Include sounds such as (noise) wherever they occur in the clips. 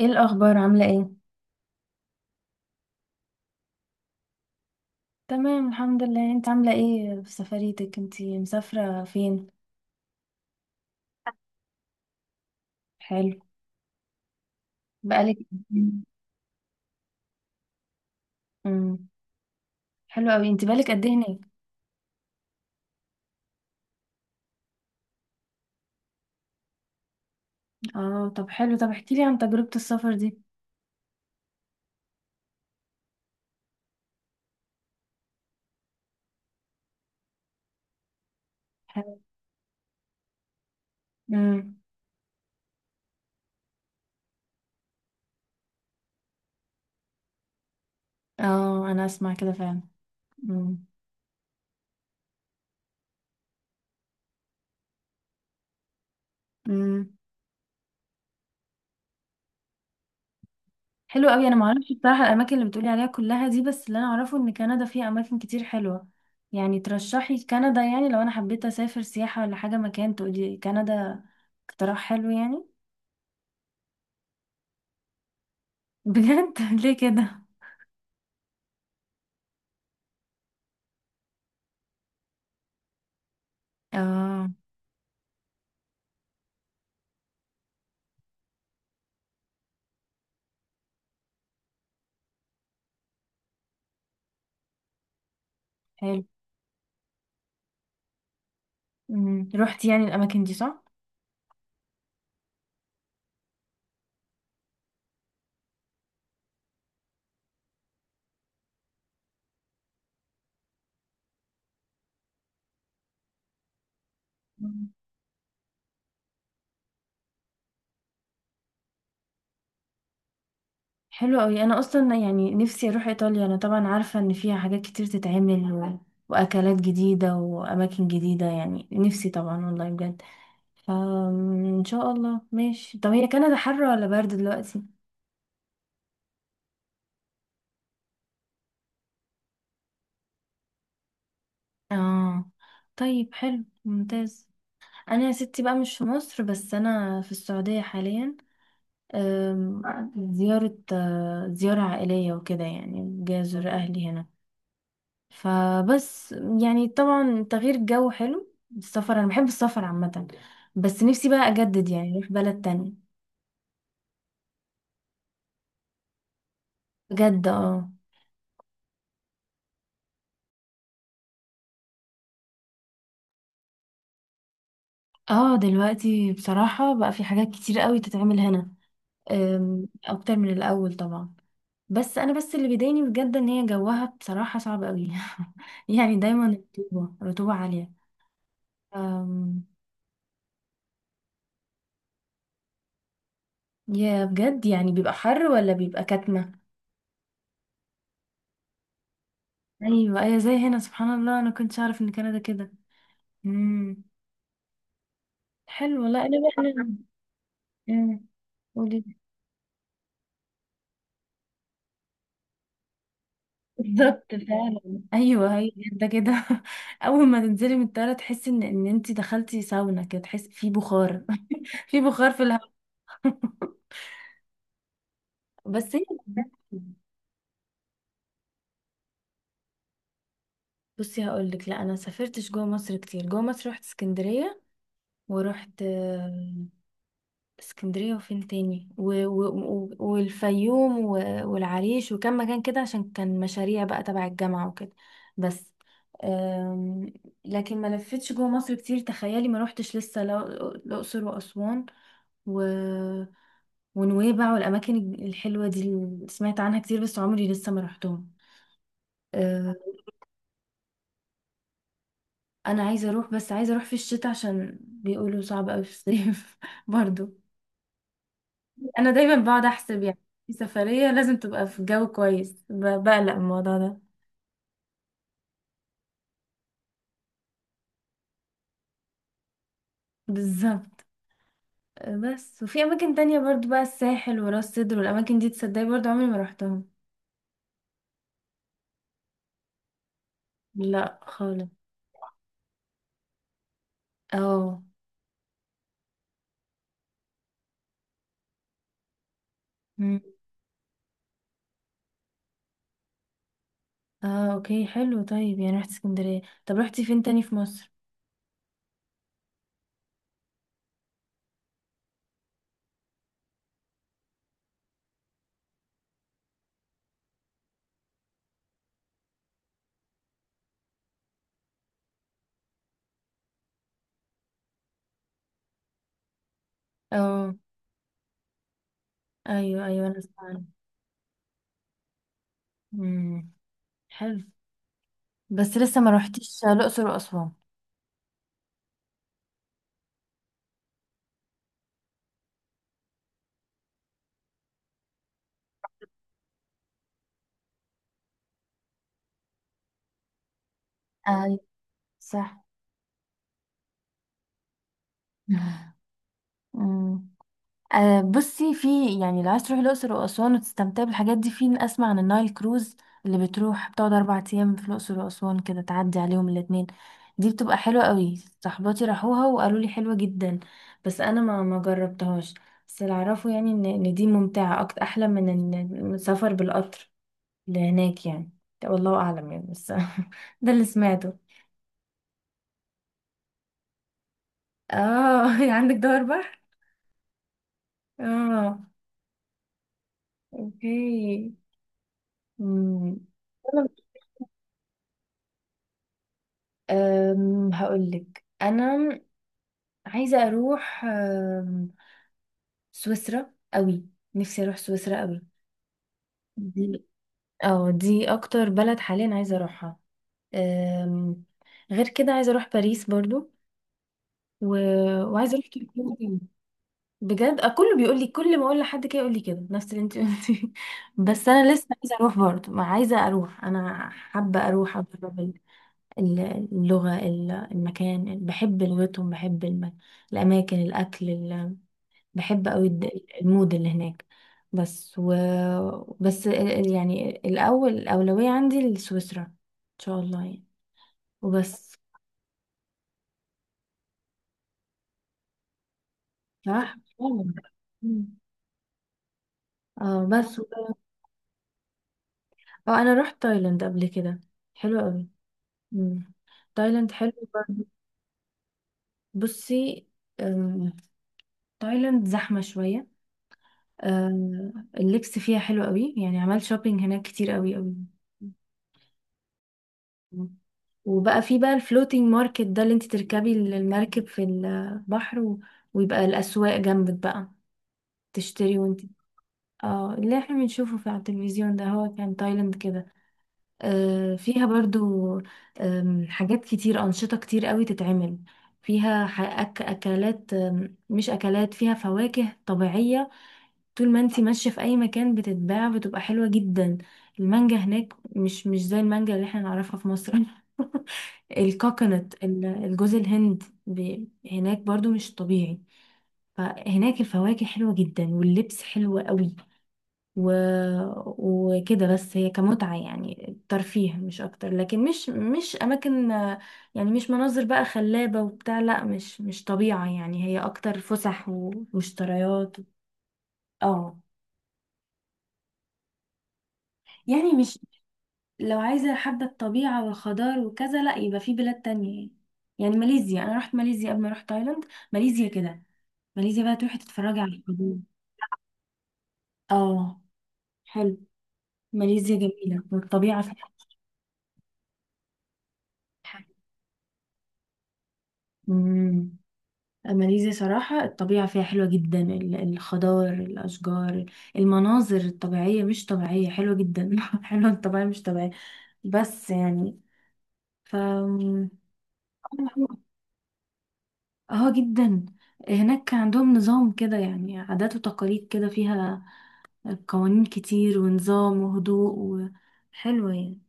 ايه الاخبار؟ عامله ايه؟ تمام الحمد لله. انت عامله ايه في سفريتك؟ انت مسافره فين؟ حلو. بقالك... امم حلو قوي. انت بقالك قد ايه هناك؟ اه، طب حلو. طب احكي لي عن تجربه السفر دي. حلو. امم اه، انا اسمع كده فعلا. امم امم حلو قوي. انا ما اعرفش بصراحه الاماكن اللي بتقولي عليها كلها دي، بس اللي انا اعرفه ان كندا فيها اماكن كتير حلوه. يعني ترشحي كندا؟ يعني لو انا حبيت اسافر سياحه ولا حاجه، مكان تقولي كندا؟ اقتراح حلو يعني. بجد؟ (laughs) ليه كده؟ اه، حلو. مم. روحتي يعني الاماكن دي، صح؟ مم. حلو قوي. انا اصلا يعني نفسي اروح ايطاليا. انا طبعا عارفه ان فيها حاجات كتير تتعمل واكلات جديده واماكن جديده. يعني نفسي طبعا والله بجد. فان شاء الله ماشي. طب هي كندا حر ولا برد دلوقتي؟ اه، طيب حلو ممتاز. انا يا ستي بقى مش في مصر، بس انا في السعوديه حاليا. أم، زيارة، زيارة عائلية وكده يعني، جاي أزور أهلي هنا، فبس. يعني طبعا تغيير الجو حلو. السفر أنا بحب السفر عامة، بس نفسي بقى أجدد يعني أروح بلد تانية. بجد اه. اه، دلوقتي بصراحة بقى في حاجات كتير قوي تتعمل هنا، أكتر من الأول طبعا. بس أنا بس اللي بيضايقني بجد إن هي جوها بصراحة صعب قوي. (laughs) يعني دايما رطوبة، رطوبة عالية. يا بجد يعني بيبقى حر ولا بيبقى كتمة؟ ايوه، ايوه زي هنا، سبحان الله. انا كنتش اعرف ان كندا كده. امم حلو. لا انا بقى أمم. قولي. بالظبط (laughs) فعلا، ايوه هي ده كده. (laughs) اول ما تنزلي من الطياره تحسي ان انت دخلتي ساونا كده، تحسي في بخار. (laughs) في بخار في الهواء. (laughs) بس هي... بصي هقول لك، لا انا سافرتش جوه مصر كتير. جوه مصر رحت اسكندريه، ورحت اسكندرية، وفين تاني، والفيوم والعريش، وكم مكان كده عشان كان مشاريع بقى تبع الجامعة وكده، بس. أم... لكن ما لفتش جوه مصر كتير. تخيلي ما روحتش لسه الأقصر وأسوان و... ونويبع والأماكن الحلوة دي اللي سمعت عنها كتير، بس عمري لسه ما روحتهم. أه، أنا عايزة أروح، بس عايزة أروح في الشتاء عشان بيقولوا صعب أوي في الصيف (laughs) برضو. انا دايما بقعد احسب يعني في سفرية لازم تبقى في جو كويس، بقلق من الموضوع ده. بالظبط. بس وفي اماكن تانية برضو بقى، الساحل وراس سدر والاماكن دي، تصدقي برضو عمري ما رحتهم. لا خالص. اه. مم. اه اوكي حلو. طيب يعني رحت اسكندرية، طب رحتي فين تاني في مصر؟ اه، ايوه ايوه، انا سمعت. امم. حلو. بس لسه ما رحتيش الاقصر واسوان. ايوه، صح. (laughs) مم. بصي في يعني لو عايز تروحي الأقصر وأسوان وتستمتعي بالحاجات دي، في أسمع عن النايل كروز، اللي بتروح بتقعد أربع أيام في الأقصر وأسوان، كده تعدي عليهم الاتنين. دي بتبقى حلوة قوي. صحباتي راحوها وقالوا لي حلوة جدا، بس أنا ما جربتهاش. بس اللي أعرفه يعني إن دي ممتعة أكتر، أحلى من السفر بالقطر لهناك يعني. ده والله أعلم يعني، بس (laughs) ده اللي سمعته. اه (laughs) عندك دور بحر. اه اوكي. مم. أم، هقولك انا عايزه اروح، سويسرا قوي. نفسي اروح سويسرا قوي دي. اه، دي اكتر بلد حاليا عايزه اروحها. أم، غير كده عايزه اروح باريس برضو و... وعايزه اروح تركيا تاني. بجد كله بيقول لي، كل ما اقول لحد كده يقول لي كده، نفس اللي انت قلتيه. (laughs) بس انا لسه عايزه اروح برضو. ما عايزه اروح، انا حابه اروح أجرب ال- اللغة، المكان. بحب لغتهم، بحب الأماكن، الأكل، بحب أوي المود اللي هناك. بس و... بس يعني الأول الأولوية عندي لسويسرا، إن شاء الله يعني. وبس. صح. مم. اه بس اه، أنا رحت تايلاند قبل كده. حلو أوي. مم. تايلاند حلو برضه. بصي، أم، تايلاند زحمة شوية. آه، اللبس فيها حلو قوي. يعني عملت شوبينج هناك كتير قوي قوي. وبقى في بقى الفلوتينج ماركت ده، اللي انت تركبي المركب في البحر، و... ويبقى الأسواق جنبك بقى تشتري وانت... اه، اللي احنا بنشوفه في على التلفزيون ده، هو كان تايلاند كده. آه، فيها برضو حاجات كتير، أنشطة كتير قوي تتعمل فيها. أكلات، مش أكلات، فيها فواكه طبيعية طول ما انتي ماشية في اي مكان بتتباع، بتبقى حلوة جدا. المانجا هناك مش زي المانجا اللي احنا نعرفها في مصر. (laughs) الكوكونات، الجوز الهند هناك برضو مش طبيعي. فهناك الفواكه حلوة جدا، واللبس حلو قوي و... وكده. بس هي كمتعة يعني، ترفيه مش اكتر. لكن مش اماكن يعني، مش مناظر بقى خلابة وبتاع، لا. مش طبيعة يعني، هي اكتر فسح ومشتريات. اه، يعني لو عايزة حابة الطبيعة والخضار وكذا، لا، يبقى في بلاد تانية يعني. يعني ماليزيا، أنا رحت ماليزيا قبل ما أروح تايلاند. ماليزيا كده، ماليزيا بقى تروحي تتفرجي على الخضار. اه، حلو. ماليزيا جميلة والطبيعة فيها حلوة. مم. ماليزيا صراحة الطبيعة فيها حلوة جدا، الخضار، الأشجار، المناظر الطبيعية مش طبيعية، حلوة جدا. (laughs) حلوة، الطبيعية مش طبيعية. بس يعني ف... اه جدا. هناك كان عندهم نظام كده يعني، عادات وتقاليد كده فيها، قوانين كتير ونظام وهدوء. وحلوة يعني،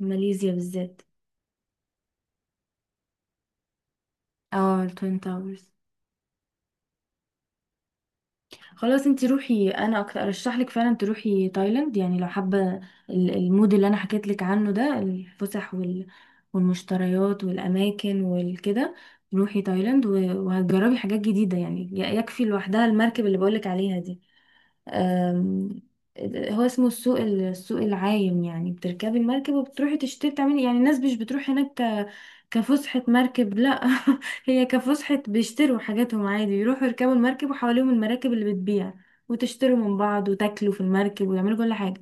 ماليزيا بالذات. اه، التوين تاورز. خلاص، انتي روحي. انا أكتر ارشح لك فعلا تروحي تايلاند، يعني لو حابة المود اللي انا حكيت لك عنه ده، الفسح والمشتريات والاماكن والكده. روحي تايلاند وهتجربي حاجات جديدة يعني. يكفي لوحدها المركب اللي بقولك عليها دي. أم، هو اسمه السوق السوق العايم يعني، بتركبي المركب وبتروحي تشتري تعملي يعني. الناس مش بتروح هناك كفسحة مركب، لا. (laughs) هي كفسحة، بيشتروا حاجاتهم عادي. يروحوا يركبوا المركب، وحواليهم المراكب اللي بتبيع، وتشتروا من بعض وتاكلوا في المركب ويعملوا كل حاجة.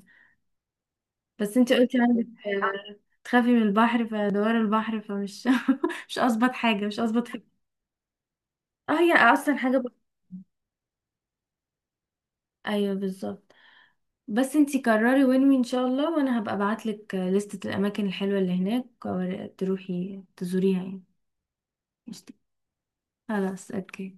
بس انتي قلتي عندك تخافي من البحر، فدوار البحر فمش... (laughs) مش اظبط حاجة، مش اظبط فكرة. اه، هي اصلا حاجة ب... ايوه، بالظبط. بس انتي قرري وين ان شاء الله، وانا هبقى ابعتلك لستة الاماكن الحلوة اللي هناك تروحي تزوريها يعني. قشطة. خلاص اوكي.